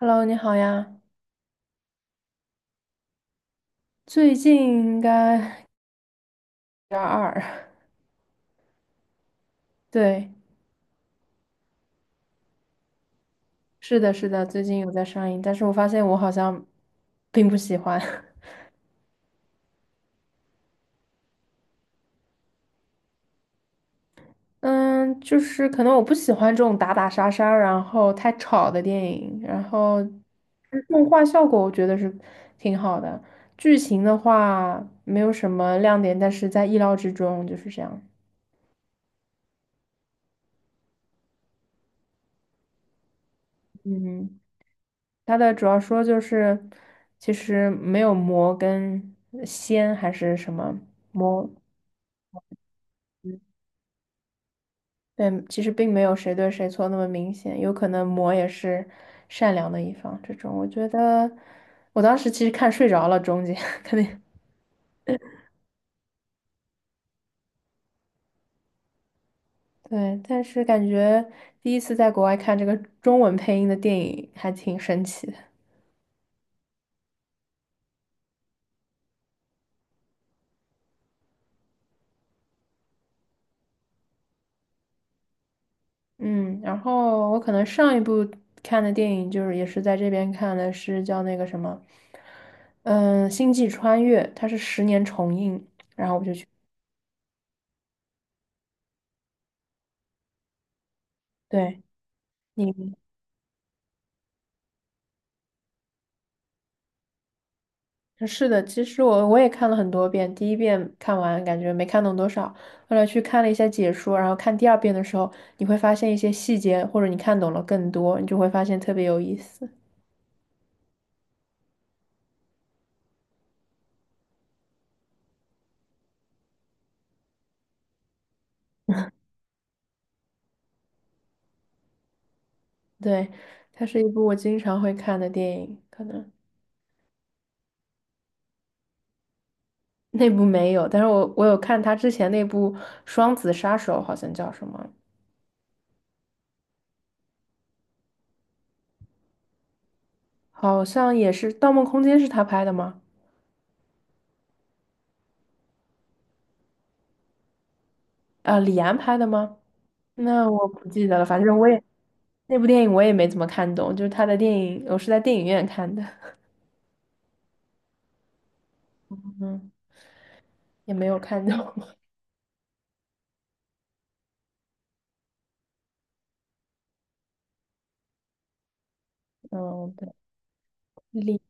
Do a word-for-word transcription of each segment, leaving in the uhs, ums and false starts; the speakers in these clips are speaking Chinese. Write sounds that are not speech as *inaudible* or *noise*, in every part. Hello，你好呀。最近应该点二二，*laughs* 对，是的，是的，最近有在上映，但是我发现我好像并不喜欢。*laughs* 嗯，就是可能我不喜欢这种打打杀杀，然后太吵的电影，然后动画效果我觉得是挺好的，剧情的话没有什么亮点，但是在意料之中，就是这样。嗯。他的主要说就是，其实没有魔跟仙还是什么魔，嗯对，其实并没有谁对谁错那么明显，有可能魔也是善良的一方。这种我觉得，我当时其实看睡着了，中间 *laughs* 肯定对，但是感觉第一次在国外看这个中文配音的电影还挺神奇的。嗯，然后我可能上一部看的电影就是也是在这边看的，是叫那个什么，嗯，《星际穿越》，它是十年重映，然后我就去，对，你嗯是的，其实我我也看了很多遍，第一遍看完感觉没看懂多少，后来去看了一下解说，然后看第二遍的时候，你会发现一些细节，或者你看懂了更多，你就会发现特别有意思。对，它是一部我经常会看的电影，可能。那部没有，但是我我有看他之前那部《双子杀手》，好像叫什么，好像也是《盗梦空间》是他拍的吗？啊、李安拍的吗？那我不记得了，反正我也那部电影我也没怎么看懂，就是他的电影，我是在电影院看的，嗯，也没有看懂，*laughs* 嗯，对，李，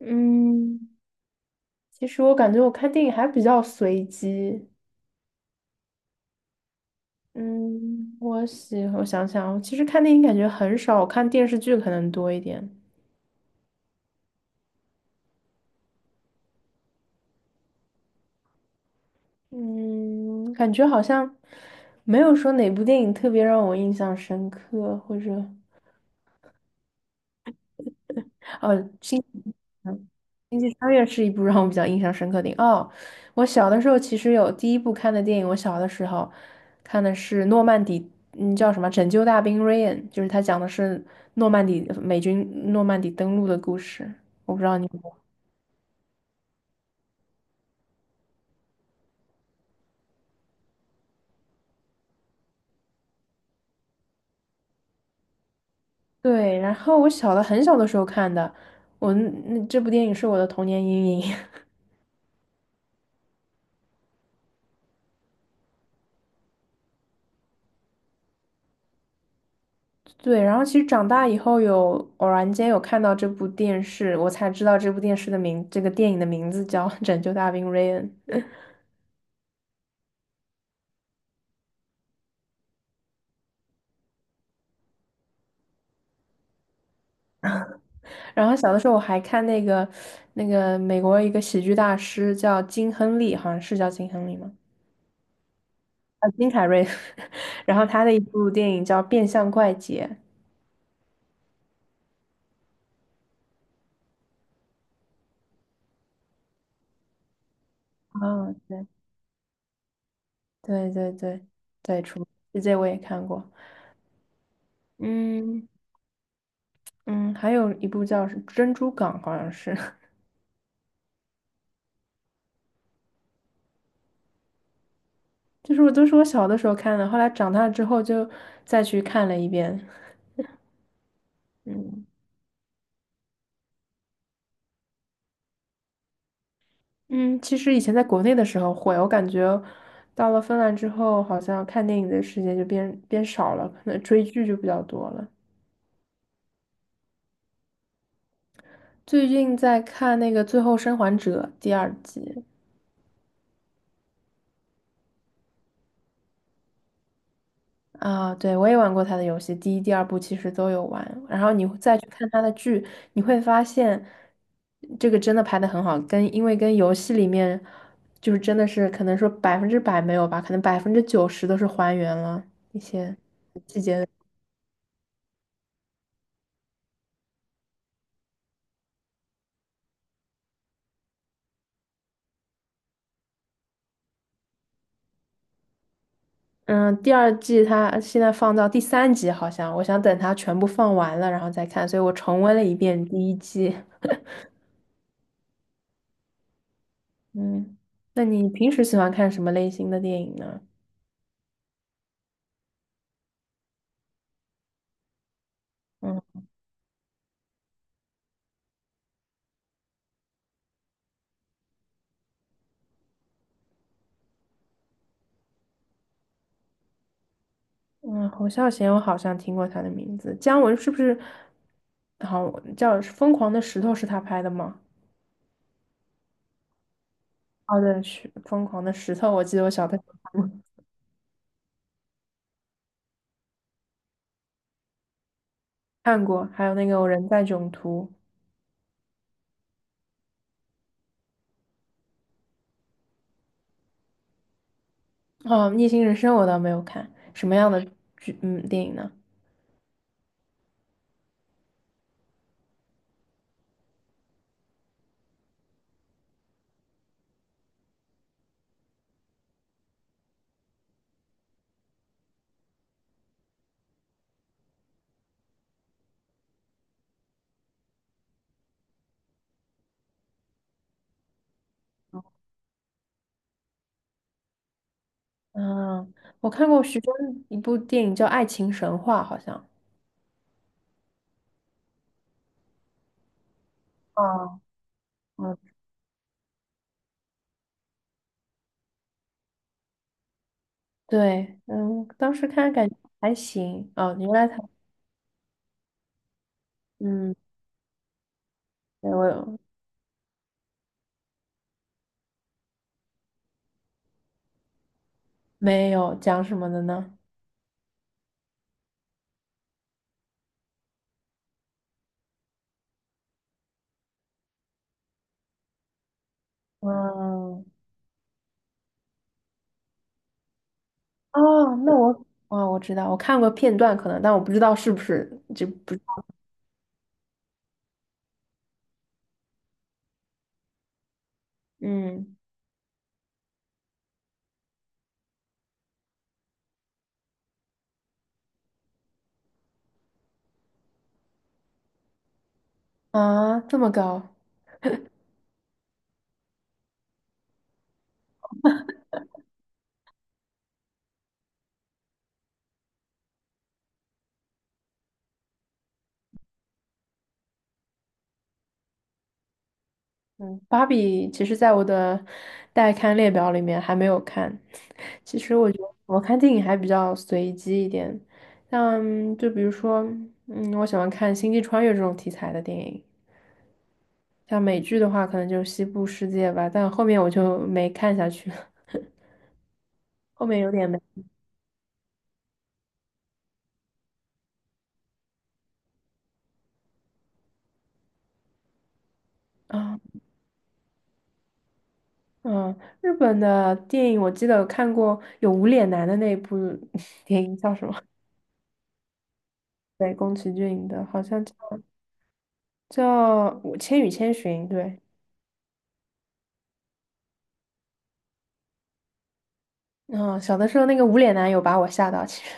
嗯，其实我感觉我看电影还比较随机，嗯，我喜，我想想，我其实看电影感觉很少，我看电视剧可能多一点。嗯，感觉好像没有说哪部电影特别让我印象深刻，或者哦，星嗯星际穿越是一部让我比较印象深刻的电影。哦，我小的时候其实有第一部看的电影，我小的时候看的是诺曼底，嗯，叫什么《拯救大兵瑞恩》，就是他讲的是诺曼底美军诺曼底登陆的故事。我不知道你有没有对，然后我小的很小的时候看的，我那那这部电影是我的童年阴影。*laughs* 对，然后其实长大以后有偶然间有看到这部电视，我才知道这部电视的名，这个电影的名字叫《拯救大兵瑞恩》。然后小的时候我还看那个那个美国一个喜剧大师叫金亨利，好像是叫金亨利吗？啊，金凯瑞。*laughs* 然后他的一部电影叫《变相怪杰》。啊，对对对对对，《出门世界》我也看过。嗯嗯，还有一部叫是《珍珠港》，好像是。就是我都是我小的时候看的，后来长大之后就再去看了一遍。嗯嗯，其实以前在国内的时候会，我感觉到了芬兰之后，好像看电影的时间就变变少了，可能追剧就比较多了。最近在看那个《最后生还者》第二集。啊，对，我也玩过他的游戏，第一、第二部其实都有玩。然后你再去看他的剧，你会发现这个真的拍的很好，跟因为跟游戏里面就是真的是可能说百分之百没有吧，可能百分之九十都是还原了一些细节。嗯，第二季它现在放到第三集，好像我想等它全部放完了然后再看，所以我重温了一遍第一季。嗯，那你平时喜欢看什么类型的电影呢？嗯。嗯，侯孝贤，我好像听过他的名字。姜文是不是？好叫《疯狂的石头》是他拍的吗？哦，对，是《疯狂的石头》，我记得我小的时候看过，看过还有那个《我人在囧途》。哦，《逆行人生》我倒没有看，什么样的剧？嗯，电影呢？嗯，我看过徐峥一部电影叫《爱情神话》，好像。哦，嗯，对，嗯，当时看感觉还行。哦，原来他，嗯，对，我有没有讲什么的呢？嗯。哦，那我啊，我知道，我看过片段可能，但我不知道是不是就不，嗯啊，这么高，嗯，芭比其实在我的待看列表里面还没有看。*laughs* 其实我觉得我看电影还比较随机一点，像就比如说，嗯，我喜欢看星际穿越这种题材的电影，像美剧的话，可能就是《西部世界》吧，但后面我就没看下去了，后面有点没啊。哦嗯，日本的电影我记得有看过，有无脸男的那一部 *laughs* 电影叫什么？对，宫崎骏的，好像叫叫我千与千寻》。对，嗯，小的时候那个无脸男有把我吓到，其实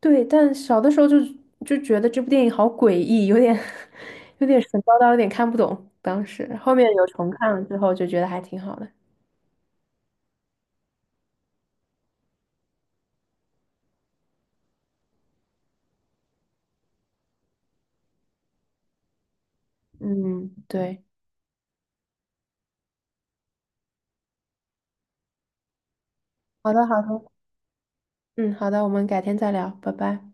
对，但小的时候就就觉得这部电影好诡异，有点 *laughs* 有点神叨叨，有点看不懂。当时后面有重看了之后，就觉得还挺好的。嗯，对，好的，好的，嗯，好的，我们改天再聊，拜拜。